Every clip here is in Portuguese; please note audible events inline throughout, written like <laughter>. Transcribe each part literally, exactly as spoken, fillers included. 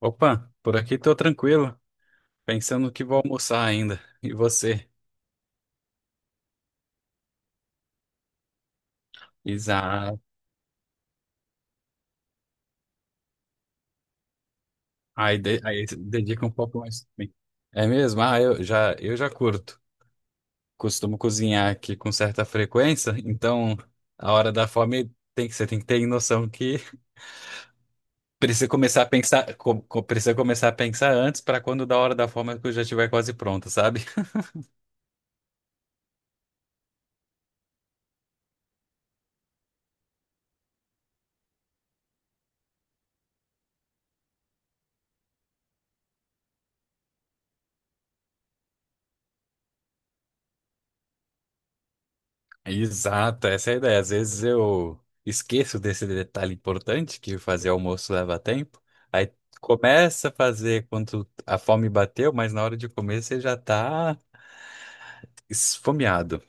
Opa, por aqui tô tranquilo, pensando que vou almoçar ainda. E você? Exato. Aí, de- aí se dedica um pouco mais. Pra mim. É mesmo? Ah, eu já, eu já curto. Costumo cozinhar aqui com certa frequência, então a hora da fome tem que, você tem que ter noção que <laughs> precisa começar a pensar, co- co- precisa começar a pensar antes para quando da hora da fome a coisa já estiver quase pronta, sabe? Exato, essa é a ideia. Às vezes eu esqueço desse detalhe importante que fazer almoço leva tempo. Aí começa a fazer quando a fome bateu, mas na hora de comer você já tá esfomeado.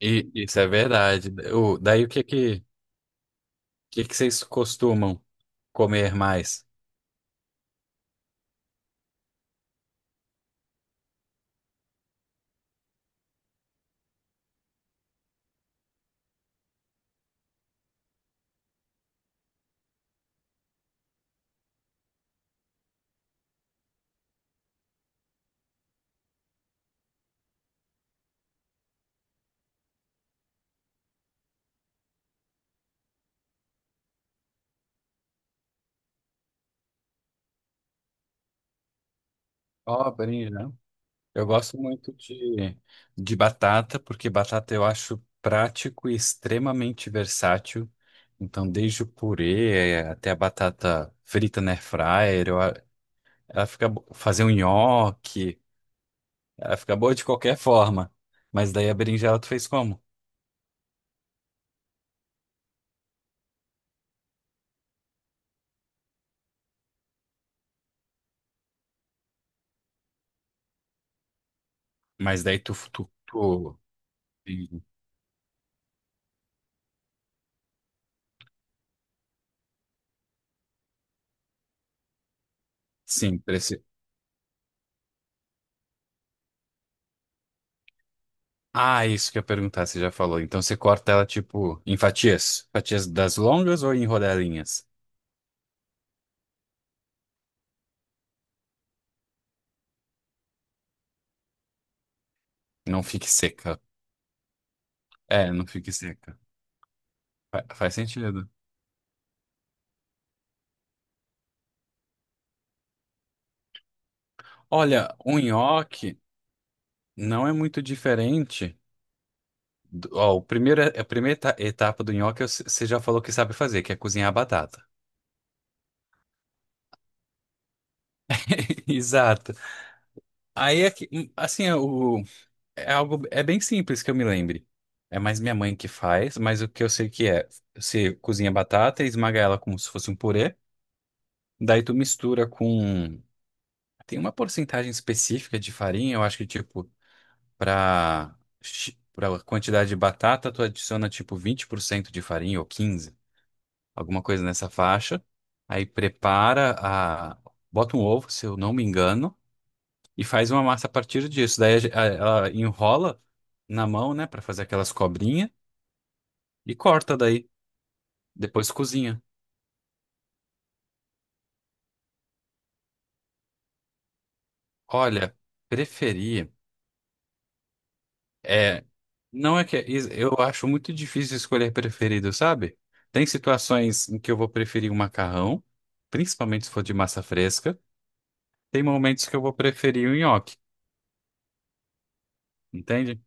E isso é verdade. O, daí o que que, que que vocês costumam comer mais? Cobrinha. Eu gosto muito de, de batata, porque batata eu acho prático e extremamente versátil. Então, desde o purê, eh, até a batata frita na air fryer, eu a- ela fica bo- fazer um nhoque, ela fica boa de qualquer forma. Mas daí a berinjela tu fez como? Mas daí tu, tu, tu sim, parece. Ah, isso que eu ia perguntar, você já falou. Então você corta ela tipo em fatias, fatias das longas ou em rodelinhas? Não fique seca. É, não fique seca. Fa- Faz sentido. Olha, o nhoque não é muito diferente. Do- ó, o primeiro, a primeira eta- etapa do nhoque é o você já falou que sabe fazer, que é cozinhar a batata. <laughs> Exato. Aí é que, hum, assim, é o, é algo, é bem simples que eu me lembre. É mais minha mãe que faz, mas o que eu sei que é, você cozinha a batata e esmaga ela como se fosse um purê, daí tu mistura com, tem uma porcentagem específica de farinha, eu acho que tipo, Para para quantidade de batata, tu adiciona tipo vinte por cento de farinha ou quinze, alguma coisa nessa faixa. Aí prepara a bota um ovo, se eu não me engano, e faz uma massa a partir disso. Daí a ge- a- ela enrola na mão, né, para fazer aquelas cobrinhas e corta daí, depois cozinha. Olha, preferi não é que é, is- eu acho muito difícil escolher preferido, sabe? Tem situações em que eu vou preferir o macarrão, principalmente se for de massa fresca. Tem momentos que eu vou preferir o nhoque, entende?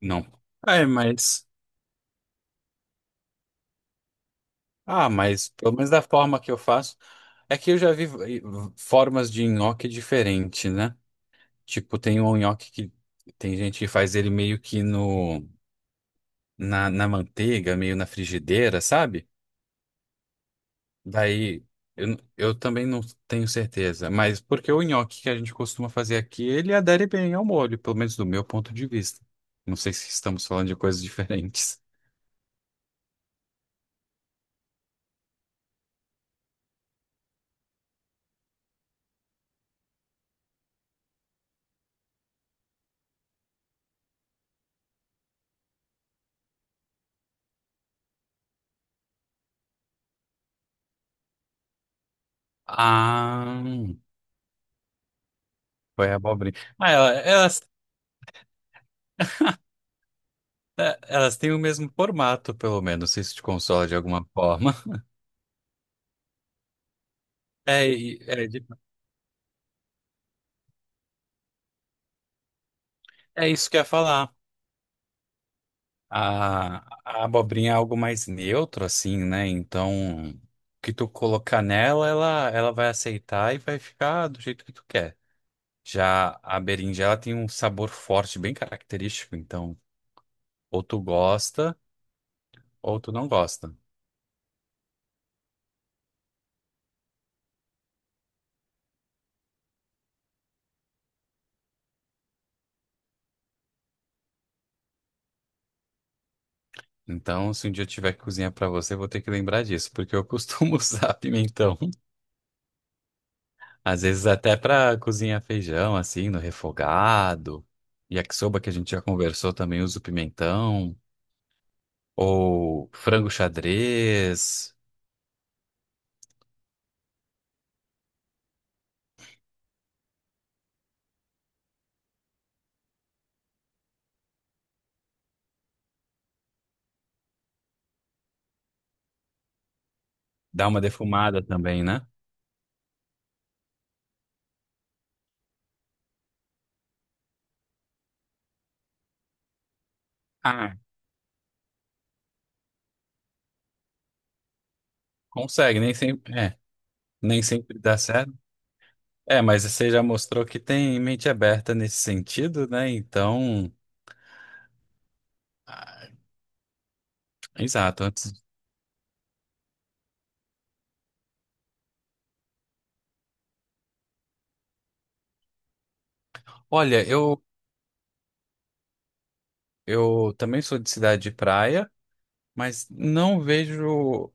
Não. É, mas. Ah, mas pelo menos da forma que eu faço. É que eu já vi, eh, formas de nhoque diferente, né? Tipo, tem um nhoque que tem gente que faz ele meio que no, na, na manteiga, meio na frigideira, sabe? Daí, eu, eu também não tenho certeza, mas porque o nhoque que a gente costuma fazer aqui, ele adere bem ao molho, pelo menos do meu ponto de vista. Não sei se estamos falando de coisas <laughs> diferentes. Ah, foi a abobrinha. Ah, ela- elas, é, elas têm o mesmo formato, pelo menos, se isso te consola de alguma forma. <laughs> É, e- é, de- é isso que eu ia falar. A, a abobrinha é algo mais neutro, assim, né? Então, o que tu colocar nela, ela, ela vai aceitar e vai ficar do jeito que tu quer. Já a berinjela tem um sabor forte, bem característico. Então, ou tu gosta, ou tu não gosta. Então, se um dia eu tiver que cozinhar pra você, eu vou ter que lembrar disso, porque eu costumo <laughs> usar pimentão. Às vezes até pra cozinhar feijão, assim, no refogado. Yakisoba, que a gente já conversou, também uso pimentão. Ou frango xadrez, dá uma defumada também, né? Ah, consegue, nem sempre, é, nem sempre dá certo. É, mas você já mostrou que tem mente aberta nesse sentido, né? Então, ah, exato. Antes, olha, eu eu também sou de cidade de praia, mas não vejo,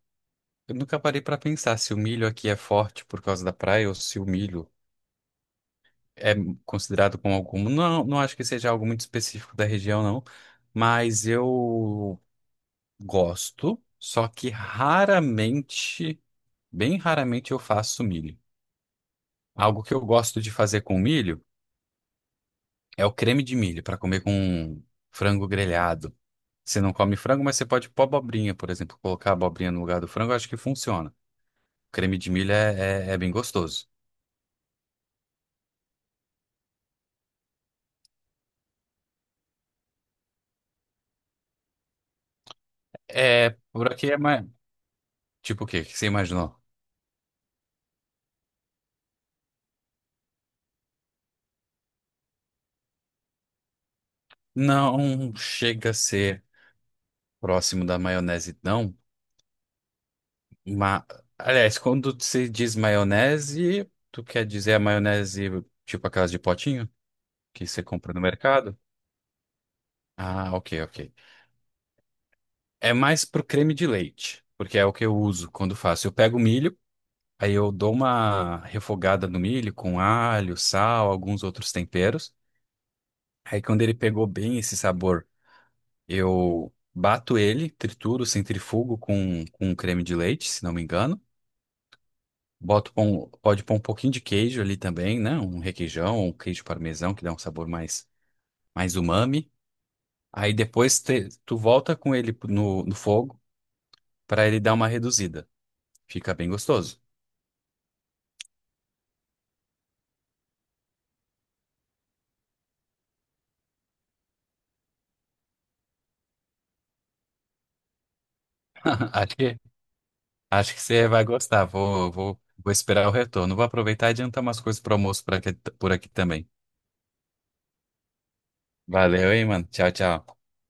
eu nunca parei para pensar se o milho aqui é forte por causa da praia ou se o milho é considerado como algum. Não, não acho que seja algo muito específico da região, não. Mas eu gosto, só que raramente, bem raramente eu faço milho. Algo que eu gosto de fazer com milho é o creme de milho para comer com frango grelhado. Você não come frango, mas você pode pôr abobrinha, por exemplo, colocar a abobrinha no lugar do frango, eu acho que funciona. Creme de milho é, é, é bem gostoso. É, por aqui é mais. Tipo o quê? O que você imaginou? Não chega a ser próximo da maionese, não. Ma... Aliás, quando se diz maionese, tu quer dizer a maionese tipo aquelas de potinho que você compra no mercado? Ah, ok, ok. É mais pro creme de leite, porque é o que eu uso quando faço. Eu pego o milho, aí eu dou uma refogada no milho com alho, sal, alguns outros temperos. Aí quando ele pegou bem esse sabor, eu bato ele, trituro, centrifugo com, com creme de leite, se não me engano. Boto, pão- pode pôr um pouquinho de queijo ali também, né? Um requeijão, um queijo parmesão que dá um sabor mais, mais umami. Aí depois te- tu volta com ele no, no fogo para ele dar uma reduzida. Fica bem gostoso. <laughs> Acho que, acho que você vai gostar. Vou, vou, vou esperar o retorno. Vou aproveitar e adiantar umas coisas para almoço por aqui, por aqui também. Valeu, hein, mano. Tchau, tchau.